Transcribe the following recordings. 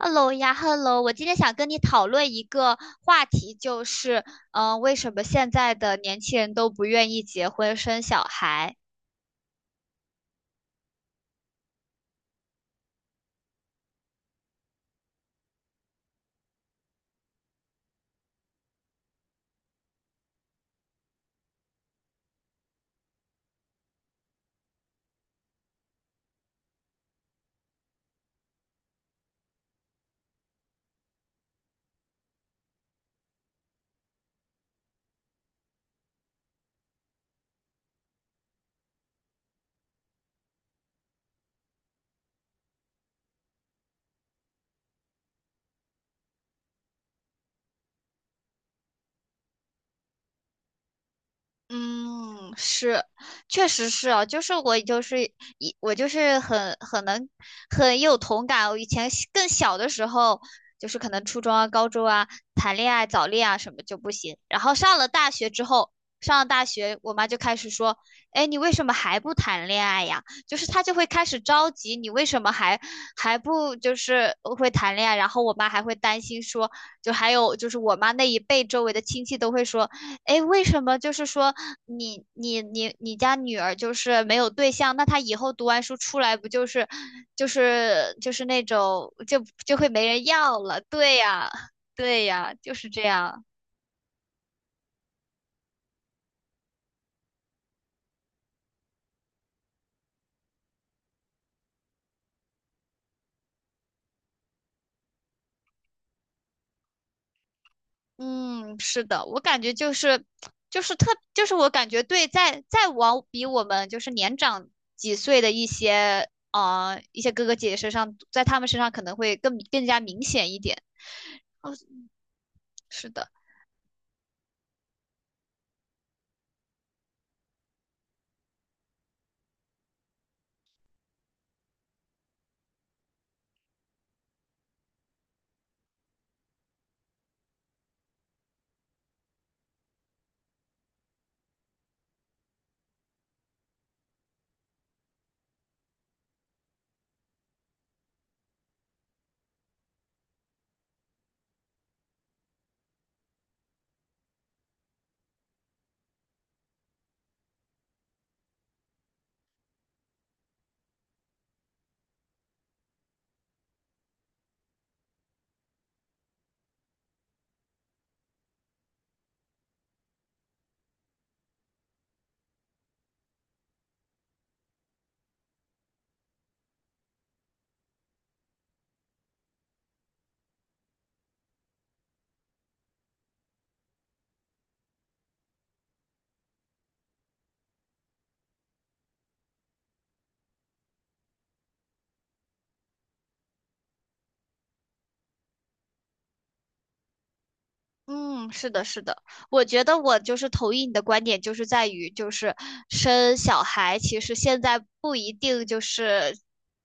Hello 呀，Hello，我今天想跟你讨论一个话题，就是，为什么现在的年轻人都不愿意结婚生小孩？嗯，是，确实是啊，就是我就是一我就是很很能很有同感。我以前小的时候，就是可能初中啊、高中啊，谈恋爱、早恋啊什么就不行。上了大学，我妈就开始说：“哎，你为什么还不谈恋爱呀？”就是她就会开始着急，你为什么还不就是会谈恋爱？然后我妈还会担心说，就还有就是我妈那一辈周围的亲戚都会说。诶，为什么就是说你家女儿就是没有对象，那她以后读完书出来不就是就是就是那种就就会没人要了？对呀，就是这样。嗯，是的，我感觉就是就是特就是我感觉对，在往比我们就是年长几岁的一些一些哥哥姐姐身上，在他们身上可能会更加明显一点。是的。嗯，是的，是的，我觉得我就是同意你的观点，就是在于就是生小孩，其实现在不一定就是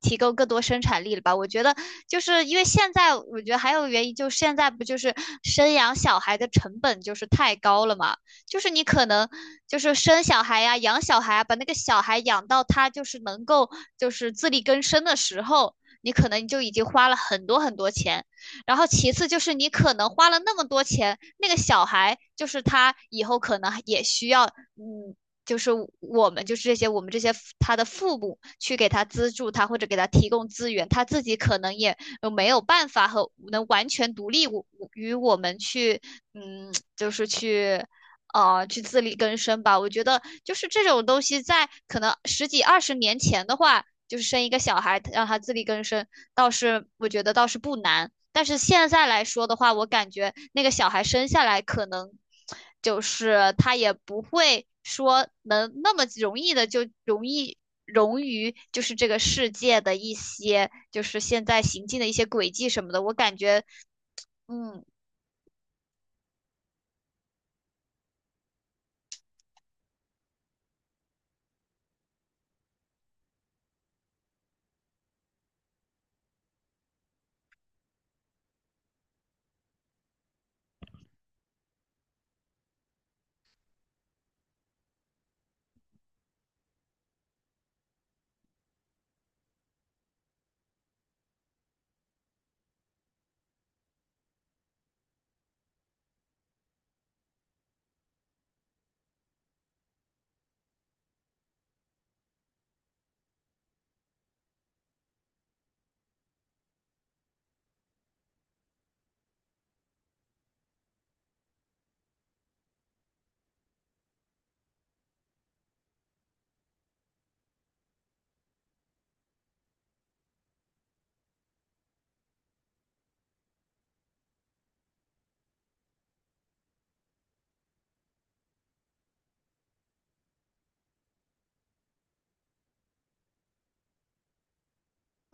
提供更多生产力了吧？我觉得就是因为现在，我觉得还有原因就是现在不就是生养小孩的成本就是太高了嘛？就是你可能就是生小孩呀、养小孩啊把那个小孩养到他就是能够就是自力更生的时候，你可能就已经花了很多很多钱。然后其次就是你可能花了那么多钱，那个小孩就是他以后可能也需要，嗯，就是我们这些他的父母去给他资助他或者给他提供资源，他自己可能也没有办法和能完全独立于我们去，嗯，就是去。去自力更生吧。我觉得就是这种东西，在可能十几二十年前的话，就是生一个小孩让他自力更生，我觉得倒是不难。但是现在来说的话，我感觉那个小孩生下来可能就是他也不会说能那么容易的就容易融于就是这个世界的一些就是现在行进的一些轨迹什么的。我感觉，嗯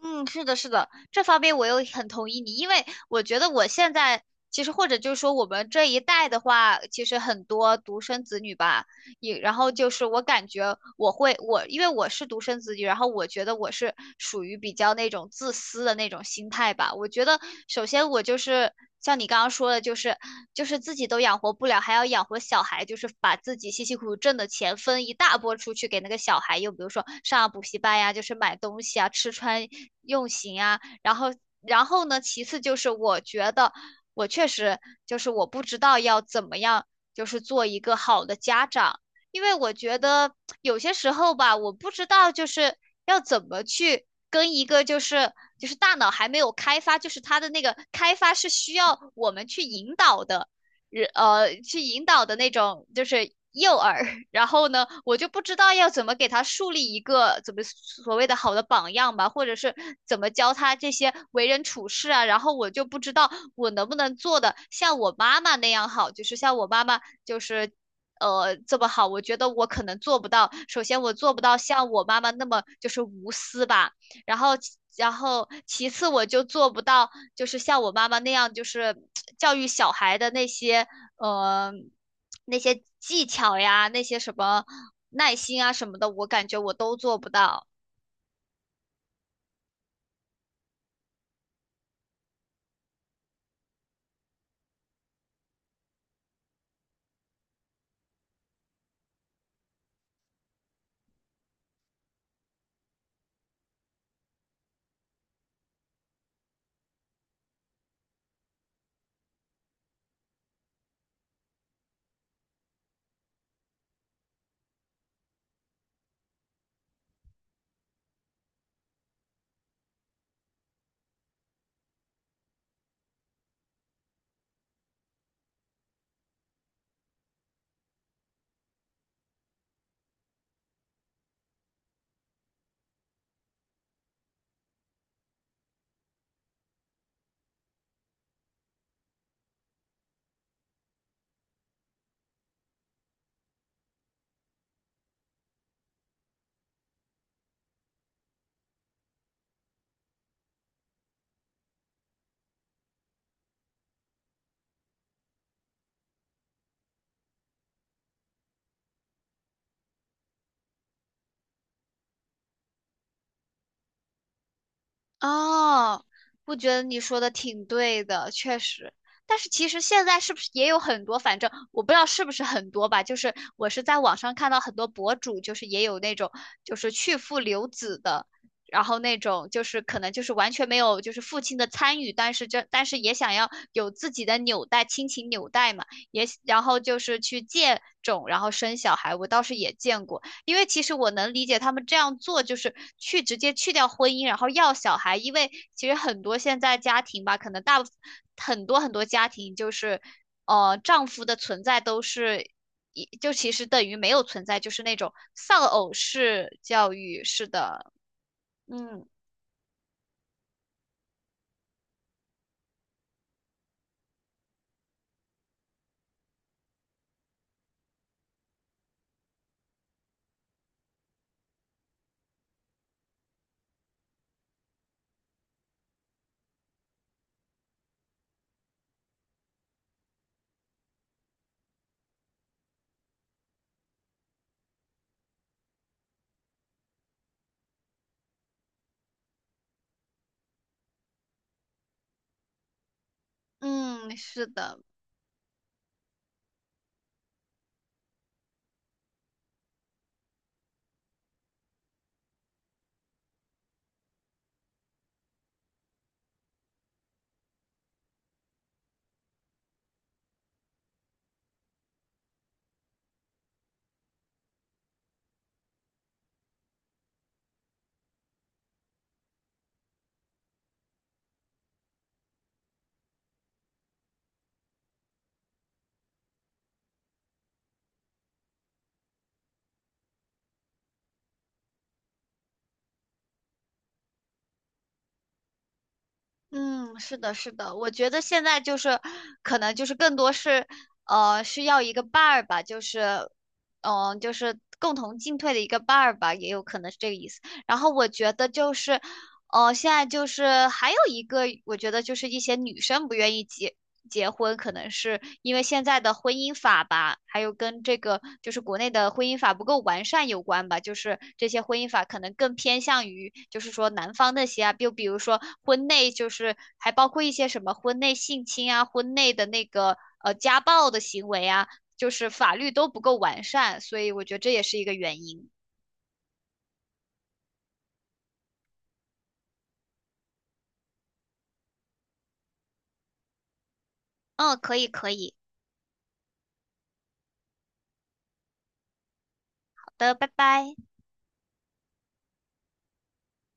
嗯，是的，是的，这方面我又很同意你，因为我觉得我现在。其实，或者就是说，我们这一代的话，其实很多独生子女吧，也然后就是我感觉我会我因为我是独生子女，然后我觉得我是属于比较那种自私的那种心态吧。我觉得首先我就是像你刚刚说的，就是自己都养活不了，还要养活小孩，就是把自己辛辛苦苦挣的钱分一大波出去给那个小孩，又比如说上补习班呀，就是买东西啊，吃穿用行啊，然后呢，其次就是我觉得。我确实就是我不知道要怎么样，就是做一个好的家长，因为我觉得有些时候吧，我不知道就是要怎么去跟一个就是大脑还没有开发，就是他的那个开发是需要我们去引导的，人去引导的那种就是诱饵。然后呢，我就不知道要怎么给他树立一个怎么所谓的好的榜样吧，或者是怎么教他这些为人处事啊。然后我就不知道我能不能做的像我妈妈那样好，就是像我妈妈就是这么好，我觉得我可能做不到。首先，我做不到像我妈妈那么就是无私吧，然后其次，我就做不到就是像我妈妈那样，就是教育小孩的那些呃那些技巧呀，那些什么耐心啊什么的，我感觉我都做不到。哦，我觉得你说的挺对的，确实。但是其实现在是不是也有很多？反正我不知道是不是很多吧。就是我是在网上看到很多博主，就是也有那种就是去父留子的，然后那种就是可能就是完全没有就是父亲的参与，但是也想要有自己的纽带，亲情纽带嘛，也然后就是去借种，然后生小孩，我倒是也见过。因为其实我能理解他们这样做，就是去直接去掉婚姻，然后要小孩。因为其实很多现在家庭吧，可能大部分很多家庭就是，呃，丈夫的存在都是其实等于没有存在，就是那种丧偶式教育是的。嗯嗯，是的。嗯，是的，是的，我觉得现在就是，可能就是更多是，呃，需要一个伴儿吧，就是，就是共同进退的一个伴儿吧，也有可能是这个意思。然后我觉得就是，呃，现在就是还有一个，我觉得就是一些女生不愿意结婚，可能是因为现在的婚姻法吧，还有跟这个就是国内的婚姻法不够完善有关吧。就是这些婚姻法可能更偏向于就是说男方那些啊，就比如说婚内就是还包括一些什么婚内性侵啊、婚内的那个家暴的行为啊，就是法律都不够完善，所以我觉得这也是一个原因。嗯，可以可以。好的，拜拜。